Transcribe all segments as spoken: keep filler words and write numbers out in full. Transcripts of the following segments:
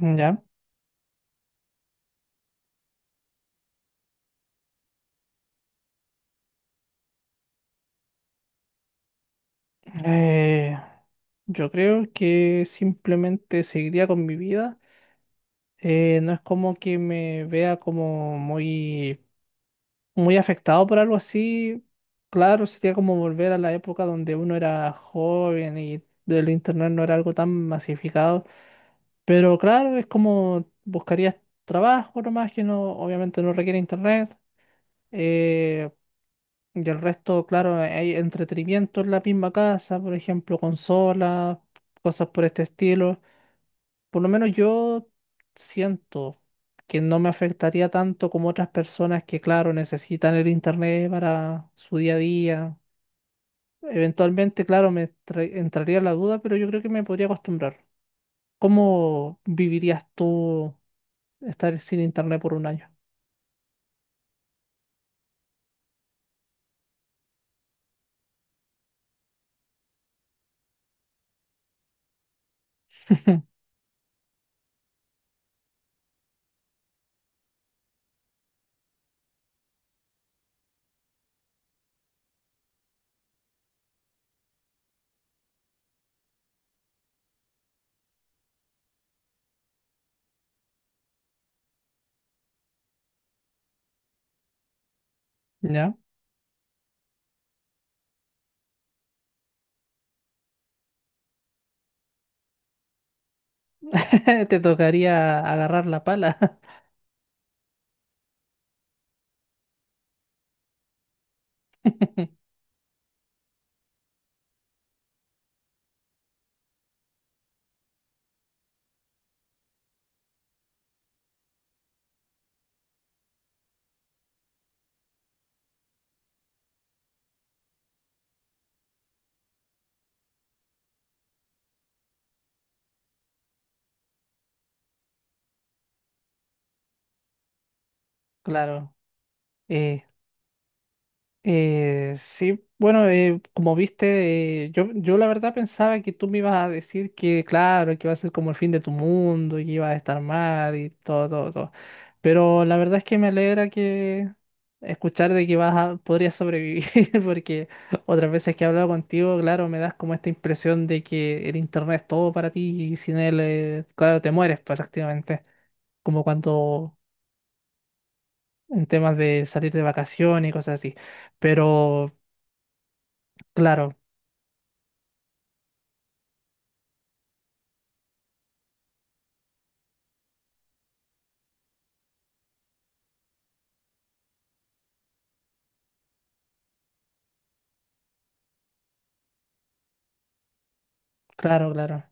Ya. Eh, yo creo que simplemente seguiría con mi vida. Eh, no es como que me vea como muy, muy afectado por algo así. Claro, sería como volver a la época donde uno era joven y del internet no era algo tan masificado. Pero claro, es como buscarías trabajo nomás que no, obviamente no requiere internet. Eh, Y el resto, claro, hay entretenimiento en la misma casa, por ejemplo, consolas, cosas por este estilo. Por lo menos yo siento que no me afectaría tanto como otras personas que, claro, necesitan el internet para su día a día. Eventualmente, claro, me tra- entraría la duda, pero yo creo que me podría acostumbrar. ¿Cómo vivirías tú estar sin internet por un año? ¿Ya? Te tocaría agarrar la pala. Claro. Eh, Eh, sí, bueno, eh, como viste, eh, yo, yo la verdad pensaba que tú me ibas a decir que, claro, que iba a ser como el fin de tu mundo y que ibas a estar mal y todo, todo, todo. Pero la verdad es que me alegra que escuchar de que vas a, podrías sobrevivir, porque otras veces que he hablado contigo, claro, me das como esta impresión de que el internet es todo para ti y sin él, eh, claro, te mueres prácticamente como cuando en temas de salir de vacaciones y cosas así. Pero claro, claro, claro.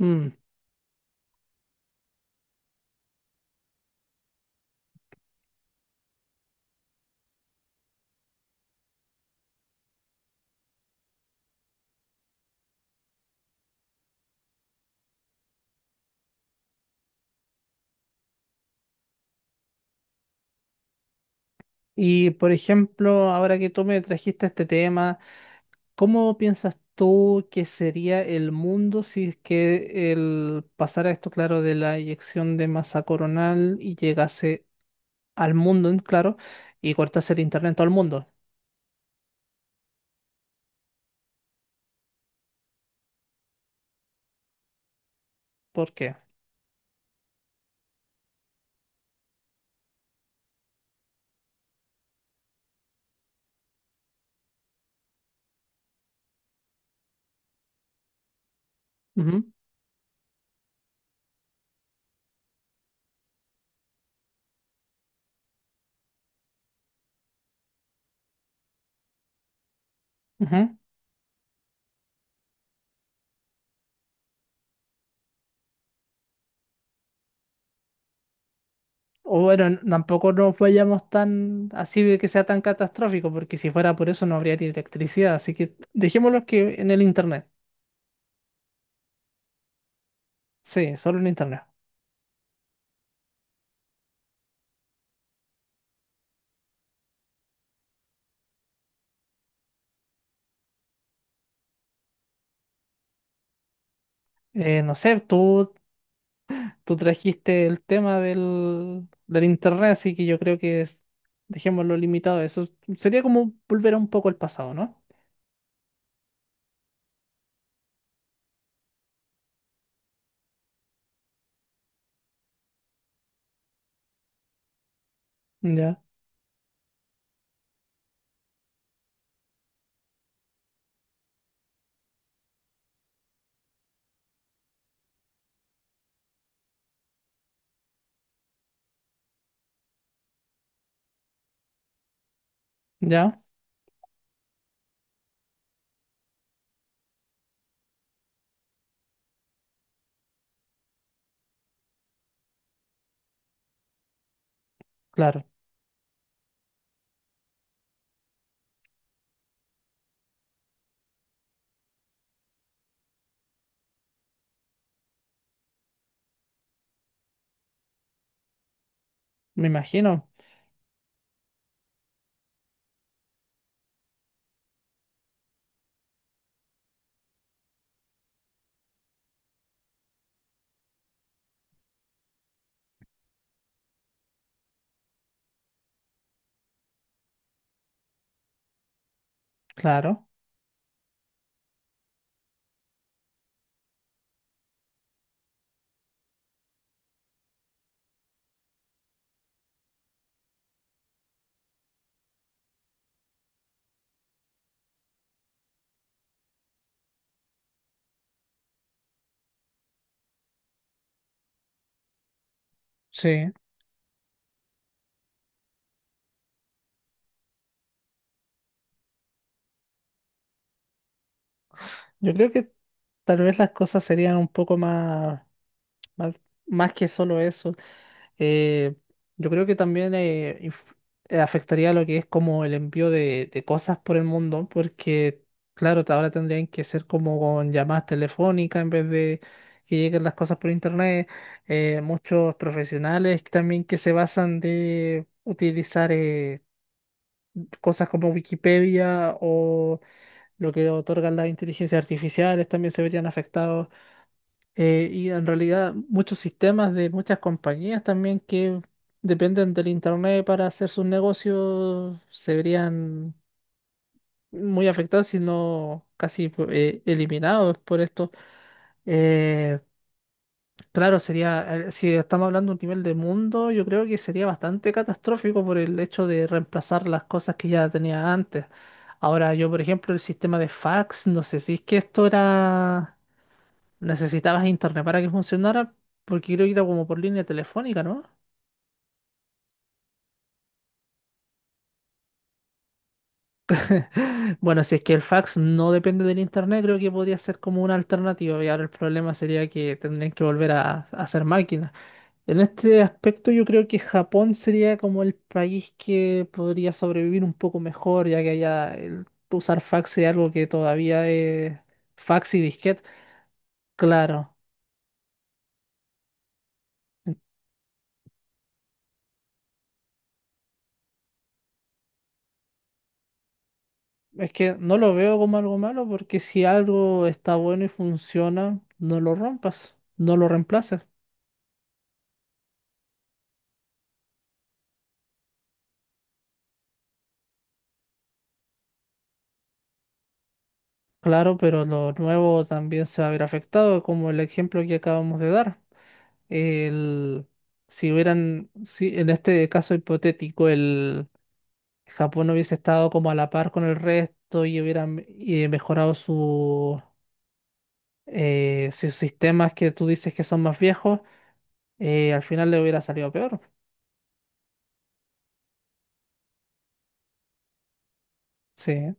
Mm. Y por ejemplo, ahora que tú me trajiste este tema, ¿cómo piensas tú que sería el mundo si es que el pasara esto, claro, de la eyección de masa coronal y llegase al mundo, en claro, y cortase el internet en todo el mundo? ¿Por qué? Ujú, ujú. O bueno, n- tampoco nos vayamos tan así de que sea tan catastrófico, porque si fuera por eso no habría ni electricidad, así que dejémoslo que en el internet. Sí, solo en internet. Eh, no sé, tú, tú trajiste el tema del, del internet, así que yo creo que es- dejémoslo limitado a eso. Sería como volver un poco al pasado, ¿no? Ya, ya, claro, me imagino, claro, sí. Yo creo que tal vez las cosas serían un poco más... Más, más que solo eso. eh, yo creo que también eh, inf- eh, afectaría lo que es como el envío de, de cosas por el mundo, porque claro, ahora tendrían que ser como con llamadas telefónicas en vez de que lleguen las cosas por internet. Eh, muchos profesionales también que se basan de utilizar eh, cosas como Wikipedia o lo que otorgan las inteligencias artificiales también se verían afectados. Eh, y en realidad muchos sistemas de muchas compañías también que dependen del internet para hacer sus negocios se verían muy afectados, si no casi pu- eh, eliminados por esto. Eh, claro, sería, eh, si estamos hablando de un nivel de mundo, yo creo que sería bastante catastrófico por el hecho de reemplazar las cosas que ya tenía antes. Ahora, yo, por ejemplo, el sistema de fax, no sé si es que esto era... Necesitabas internet para que funcionara, porque creo que era como por línea telefónica, ¿no? Bueno, si es que el fax no depende del internet, creo que podría ser como una alternativa. Y ahora el problema sería que tendrían que volver a, a hacer máquinas. En este aspecto, yo creo que Japón sería como el país que podría sobrevivir un poco mejor, ya que allá el usar fax sería algo que todavía es fax y disquete. Claro. Es que no lo veo como algo malo porque si algo está bueno y funciona, no lo rompas, no lo reemplaces. Claro, pero lo nuevo también se va a ver afectado, como el ejemplo que acabamos de dar. El, si hubieran, si en este caso hipotético, el Japón hubiese estado como a la par con el resto y hubieran eh, mejorado su, eh, sus sistemas que tú dices que son más viejos, eh, al final le hubiera salido peor. Sí.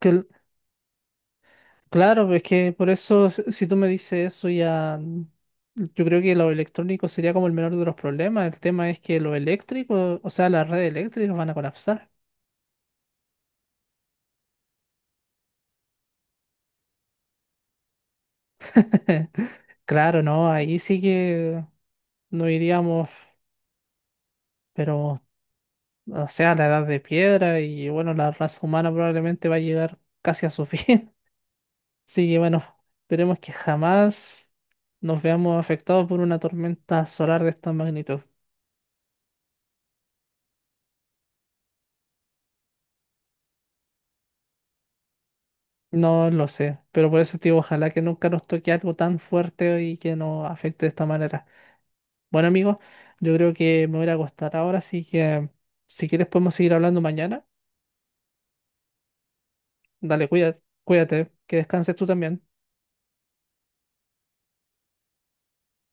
Que Claro, es que por eso, s- si tú me dices eso, ya yo creo que lo electrónico sería como el menor de los problemas. El tema es que lo eléctrico, o sea, las redes eléctricas van a colapsar. Claro, no, ahí sí que no iríamos, pero, o sea, la edad de piedra y bueno, la raza humana probablemente va a llegar casi a su fin. Así que bueno, esperemos que jamás nos veamos afectados por una tormenta solar de esta magnitud. No lo sé, pero por eso, tío, ojalá que nunca nos toque algo tan fuerte y que nos afecte de esta manera. Bueno, amigos, yo creo que me voy a ir a acostar ahora, así que si quieres podemos seguir hablando mañana. Dale, cuídate, cuídate, que descanses tú también.